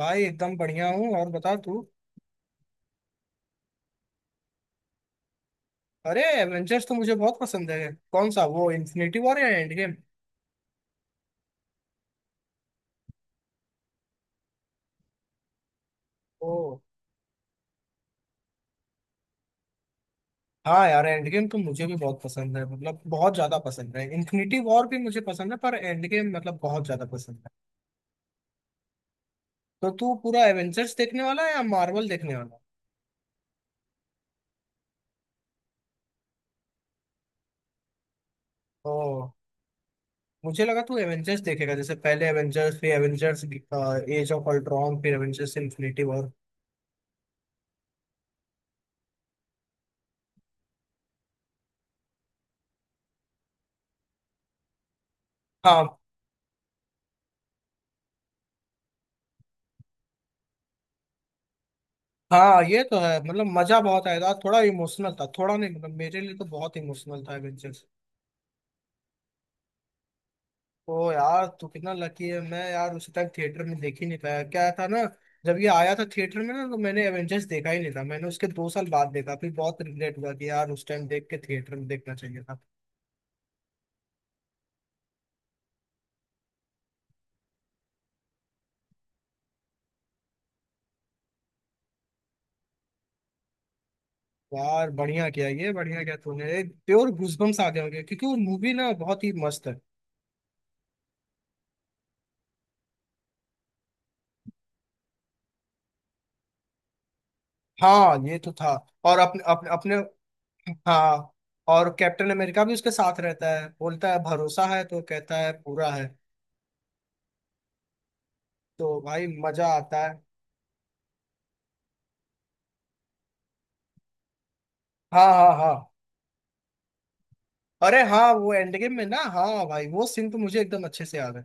भाई एकदम बढ़िया हूँ और बता तू। अरे एवेंजर्स तो मुझे बहुत पसंद है, कौन सा वो, इन्फिनिटी वॉर या एंड गेम? ओ। हाँ यार एंड गेम तो मुझे भी बहुत पसंद है, मतलब बहुत ज्यादा पसंद है। इन्फिनिटी वॉर भी मुझे पसंद है पर एंड गेम मतलब बहुत ज्यादा पसंद है। तो तू पूरा एवेंजर्स देखने वाला है या मार्वल देखने वाला? ओ। मुझे लगा तू एवेंजर्स देखेगा, जैसे पहले एवेंजर्स फिर एवेंजर्स एज ऑफ अल्ट्रॉन फिर एवेंजर्स इन्फिनिटी वॉर। हाँ। हाँ ये तो है, मतलब मजा बहुत आया था, थोड़ा इमोशनल था, थोड़ा नहीं, मतलब मेरे लिए तो बहुत इमोशनल था एवेंजर्स। ओ यार तू कितना लकी है। मैं यार उस टाइम थिएटर में देख ही नहीं पाया, क्या था ना, जब ये आया था थिएटर में ना, तो मैंने एवेंजर्स देखा ही नहीं था। मैंने उसके 2 साल बाद देखा, फिर बहुत रिग्रेट हुआ कि यार उस टाइम देख के थिएटर में देखना चाहिए था। यार बढ़िया किया, ये बढ़िया किया तूने, प्योर गूजबम्स आ गए होंगे, क्योंकि वो मूवी ना बहुत ही मस्त है। हाँ ये तो था। और अपने अपने अपने हाँ। और कैप्टन अमेरिका भी उसके साथ रहता है, बोलता है भरोसा है, तो कहता है पूरा है। तो भाई मजा आता है। हाँ हाँ हाँ। अरे हाँ वो एंड गेम में ना, हाँ भाई वो सीन तो मुझे एकदम अच्छे से याद है।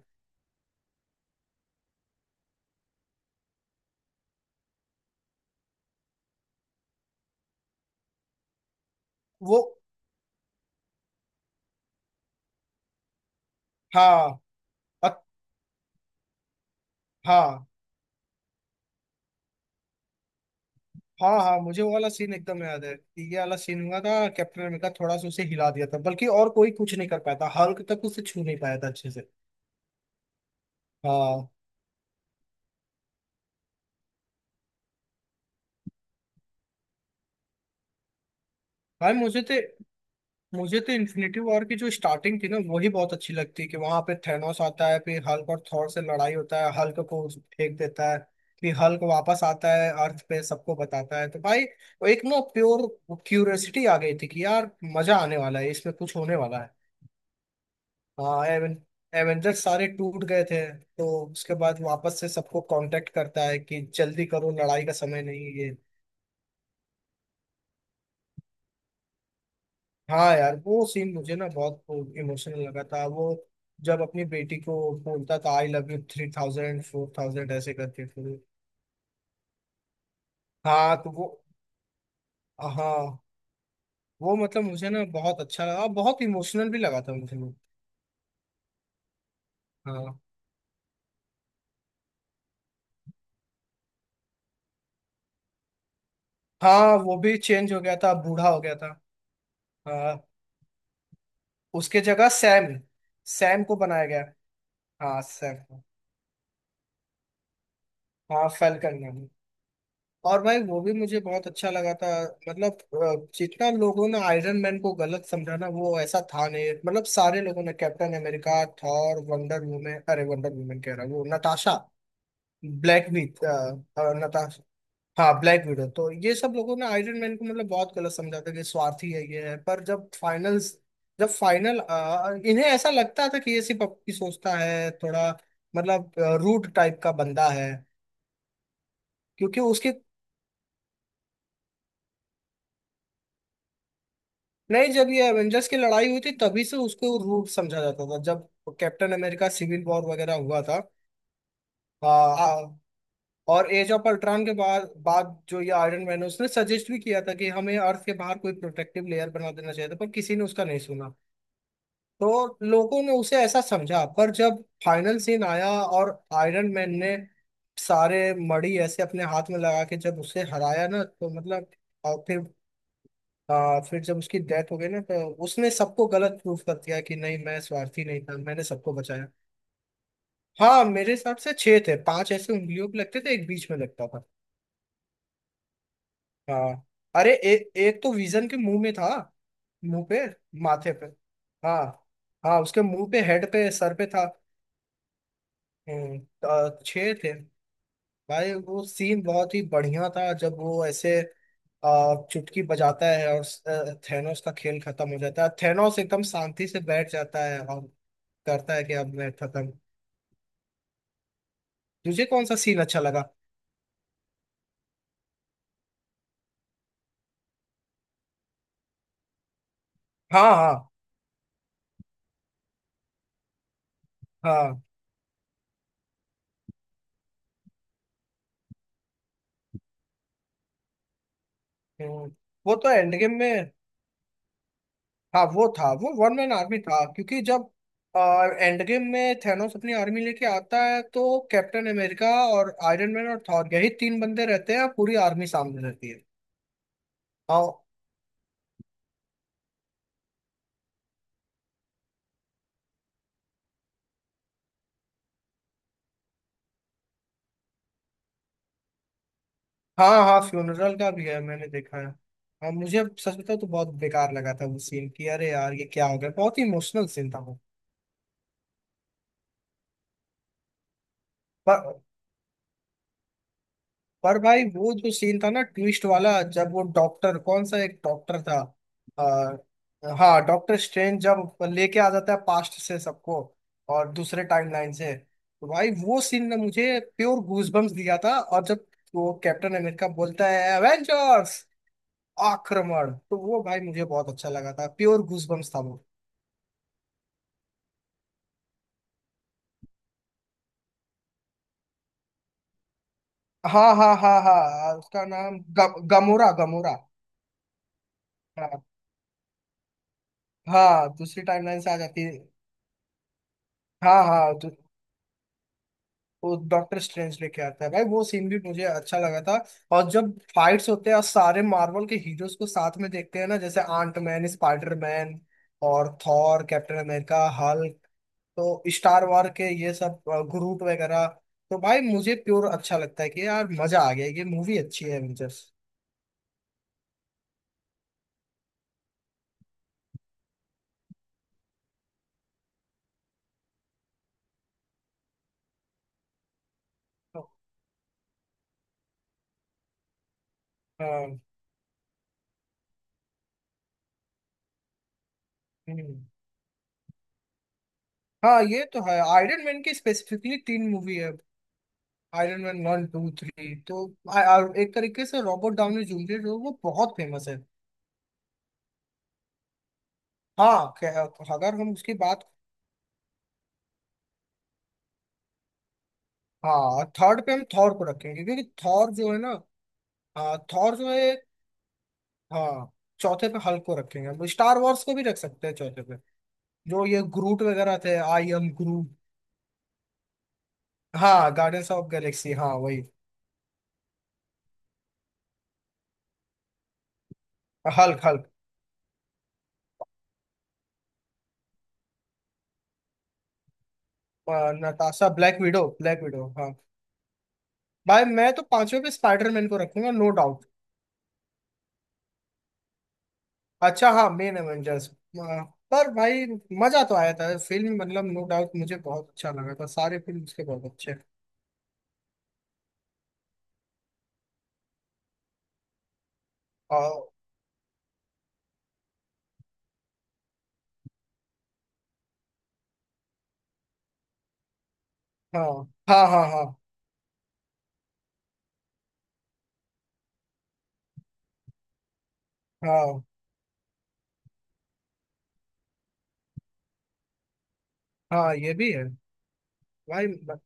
वो। हाँ। अ- हाँ हाँ हाँ मुझे वो वाला सीन एकदम याद है। ये वाला सीन हुआ था, कैप्टन अमेरिका थोड़ा सा उसे हिला दिया था बल्कि, और कोई कुछ नहीं कर पाया था, हल्क तक उसे छू नहीं पाया था अच्छे से। हाँ भाई। मुझे तो इन्फिनिटी वॉर की जो स्टार्टिंग थी ना, वही बहुत अच्छी लगती है, कि वहां पे थेनोस आता है, फिर हल्क और थॉर से लड़ाई होता है, हल्क को फेंक देता है। फिर हल्क वापस आता है अर्थ पे, सबको बताता है, तो भाई वो एक ना प्योर क्यूरियोसिटी आ गई थी कि यार मजा आने वाला है, इसमें कुछ होने वाला है। हाँ एवेंजर्स सारे टूट गए थे, तो उसके बाद वापस से सबको कांटेक्ट करता है कि जल्दी करो, लड़ाई का समय नहीं है ये। हाँ यार वो सीन मुझे ना बहुत इमोशनल लगा था वो, जब अपनी बेटी को बोलता था आई लव यू 3000 4000 ऐसे करके फिर। हाँ तो वो। हाँ वो मतलब मुझे ना बहुत अच्छा लगा, बहुत इमोशनल भी लगा था मुझे वो। हाँ। हाँ वो भी चेंज हो गया था, बूढ़ा हो गया था। हाँ उसके जगह सैम। सैम को बनाया गया। हाँ सैम को। हाँ फैल्कन ने। और भाई वो भी मुझे बहुत अच्छा लगा था। मतलब जितना लोगों ने आयरन मैन को गलत समझा ना, वो ऐसा था नहीं। मतलब सारे लोगों ने Captain America, Thor, Wonder Woman, अरे वंडर वुमेन कह रहा हूँ, वो नताशा, ब्लैक विड, नताशा, हाँ ब्लैक विडो, तो ये सब लोगों ने आयरन मैन को मतलब बहुत गलत समझा था कि स्वार्थी है ये है। पर जब फाइनल्स, जब फाइनल, इन्हें ऐसा लगता था कि ये सिर्फ अपनी सोचता है, थोड़ा मतलब रूड टाइप का बंदा है, क्योंकि उसके, नहीं जब ये एवेंजर्स की लड़ाई हुई थी तभी से उसको रूट समझा जाता था, जब कैप्टन अमेरिका सिविल वॉर वगैरह हुआ था। आ, आ, और एज ऑफ अल्ट्रॉन के बाद बाद जो ये आयरन मैन है, उसने सजेस्ट भी किया था कि हमें अर्थ के बाहर कोई प्रोटेक्टिव लेयर बना देना चाहिए था, पर किसी ने उसका नहीं सुना। तो लोगों ने उसे ऐसा समझा, पर जब फाइनल सीन आया और आयरन मैन ने सारे मड़ी ऐसे अपने हाथ में लगा के जब उसे हराया ना, तो मतलब, और फिर, हाँ फिर जब उसकी डेथ हो गई ना, तो उसने सबको गलत प्रूफ कर दिया कि नहीं मैं स्वार्थी नहीं था, मैंने सबको बचाया। हाँ मेरे हिसाब से छह थे, पांच ऐसे उंगलियों पे लगते थे, एक बीच में लगता था। हाँ। अरे एक तो विजन के मुंह में था, मुंह पे, माथे पे। हाँ। हाँ उसके मुंह पे, हेड पे, सर पे था। तो छह थे। भाई वो सीन बहुत ही बढ़िया था, जब वो ऐसे चुटकी बजाता है और थेनोस का खेल खत्म हो जाता है, थेनोस एकदम शांति से बैठ जाता है, और करता है कि अब मैं खत्म। तुझे कौन सा सीन अच्छा लगा? हाँ हाँ हाँ। हम्म। वो तो एंड गेम में। हाँ वो था, वो वन मैन आर्मी था, क्योंकि जब एंड गेम में थैनोस अपनी आर्मी लेके आता है, तो कैप्टन अमेरिका और आयरन मैन और थॉर, यही तीन बंदे रहते हैं, पूरी आर्मी सामने रहती है। हाँ हाँ। हाँ फ्यूनरल का भी है, मैंने देखा है। हाँ मुझे सच बताऊं तो बहुत बेकार लगा था वो सीन, कि अरे यार ये क्या हो गया, बहुत ही इमोशनल सीन था वो। पर पर भाई वो जो सीन था ना ट्विस्ट वाला, जब वो डॉक्टर, कौन सा एक डॉक्टर था, हाँ डॉक्टर स्ट्रेंज जब लेके आ जाता है पास्ट से सबको, और दूसरे टाइमलाइन से, तो भाई वो सीन ने मुझे प्योर गूजबम्स दिया था। और जब वो कैप्टन अमेरिका बोलता है एवेंजर्स आक्रमण, तो वो भाई मुझे बहुत अच्छा लगा था, प्योर गूजबम्स था वो। हाँ हाँ हाँ हाँ उसका नाम गमोरा, गमोरा। हाँ। हाँ दूसरी टाइमलाइन से आ जाती है। हाँ हाँ। वो डॉक्टर स्ट्रेंज लेके आता है, भाई वो सीन भी मुझे अच्छा लगा था। और जब फाइट्स होते हैं और सारे मार्वल के हीरोज को साथ में देखते हैं ना, जैसे आंट मैन, स्पाइडर मैन और थॉर, कैप्टन अमेरिका, हल्क, तो स्टार वॉर के ये सब ग्रुप वगैरह, तो भाई मुझे प्योर अच्छा लगता है कि यार मजा आ गया, ये मूवी अच्छी है एवेंजर्स। हाँ। हम्म। हाँ, ये तो है, आयरन मैन की स्पेसिफिकली तीन मूवी है, Iron Man one two three, तो आ, आ, एक तरीके से रॉबर्ट डाउनी जूनियर जो है, वो बहुत फेमस है। हाँ अगर हम उसकी बात। हाँ थर्ड पे हम थॉर को रखेंगे, क्योंकि थॉर जो है ना, हाँ थॉर जो है। हाँ चौथे पे हल्क को रखेंगे, हम स्टार वॉर्स को भी रख सकते हैं चौथे पे, जो ये ग्रूट वगैरह थे, आई एम ग्रूट। हाँ गार्डियंस ऑफ गैलेक्सी, हाँ वही। Hulk, Hulk. Natasha, Black Widow, Black Widow, हाँ। भाई मैं तो पांचवे पे स्पाइडरमैन को रखूंगा, नो डाउट। अच्छा हाँ मेन एवेंजर्स। पर भाई मजा तो आया था फिल्म, मतलब नो डाउट मुझे बहुत अच्छा लगा था, सारे फिल्म उसके बहुत अच्छे हैं। हाँ हाँ हाँ हाँ हाँ हाँ। ये भी है। भाई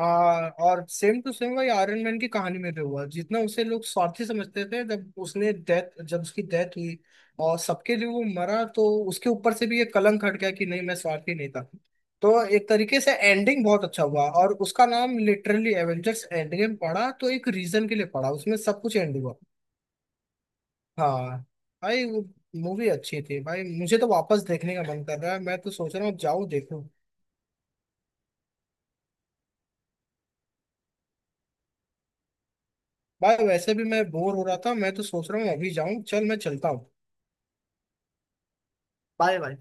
हाँ, और सेम टू सेम भाई आयरन मैन की कहानी में भी हुआ, जितना उसे लोग स्वार्थी समझते थे, जब उसने डेथ, जब उसकी डेथ हुई और सबके लिए वो मरा, तो उसके ऊपर से भी ये कलंक हट गया कि नहीं मैं स्वार्थी नहीं था। तो एक तरीके से एंडिंग बहुत अच्छा हुआ और उसका नाम लिटरली एवेंजर्स एंड गेम पड़ा, तो एक रीजन के लिए पड़ा, उसमें सब कुछ एंड हुआ। हाँ भाई वो मूवी अच्छी थी, भाई मुझे तो वापस देखने का मन कर रहा है, मैं तो सोच रहा हूँ जाऊँ देखूँ। भाई वैसे भी मैं बोर हो रहा था, मैं तो सोच रहा हूँ अभी जाऊं, चल मैं चलता हूँ। Bye bye.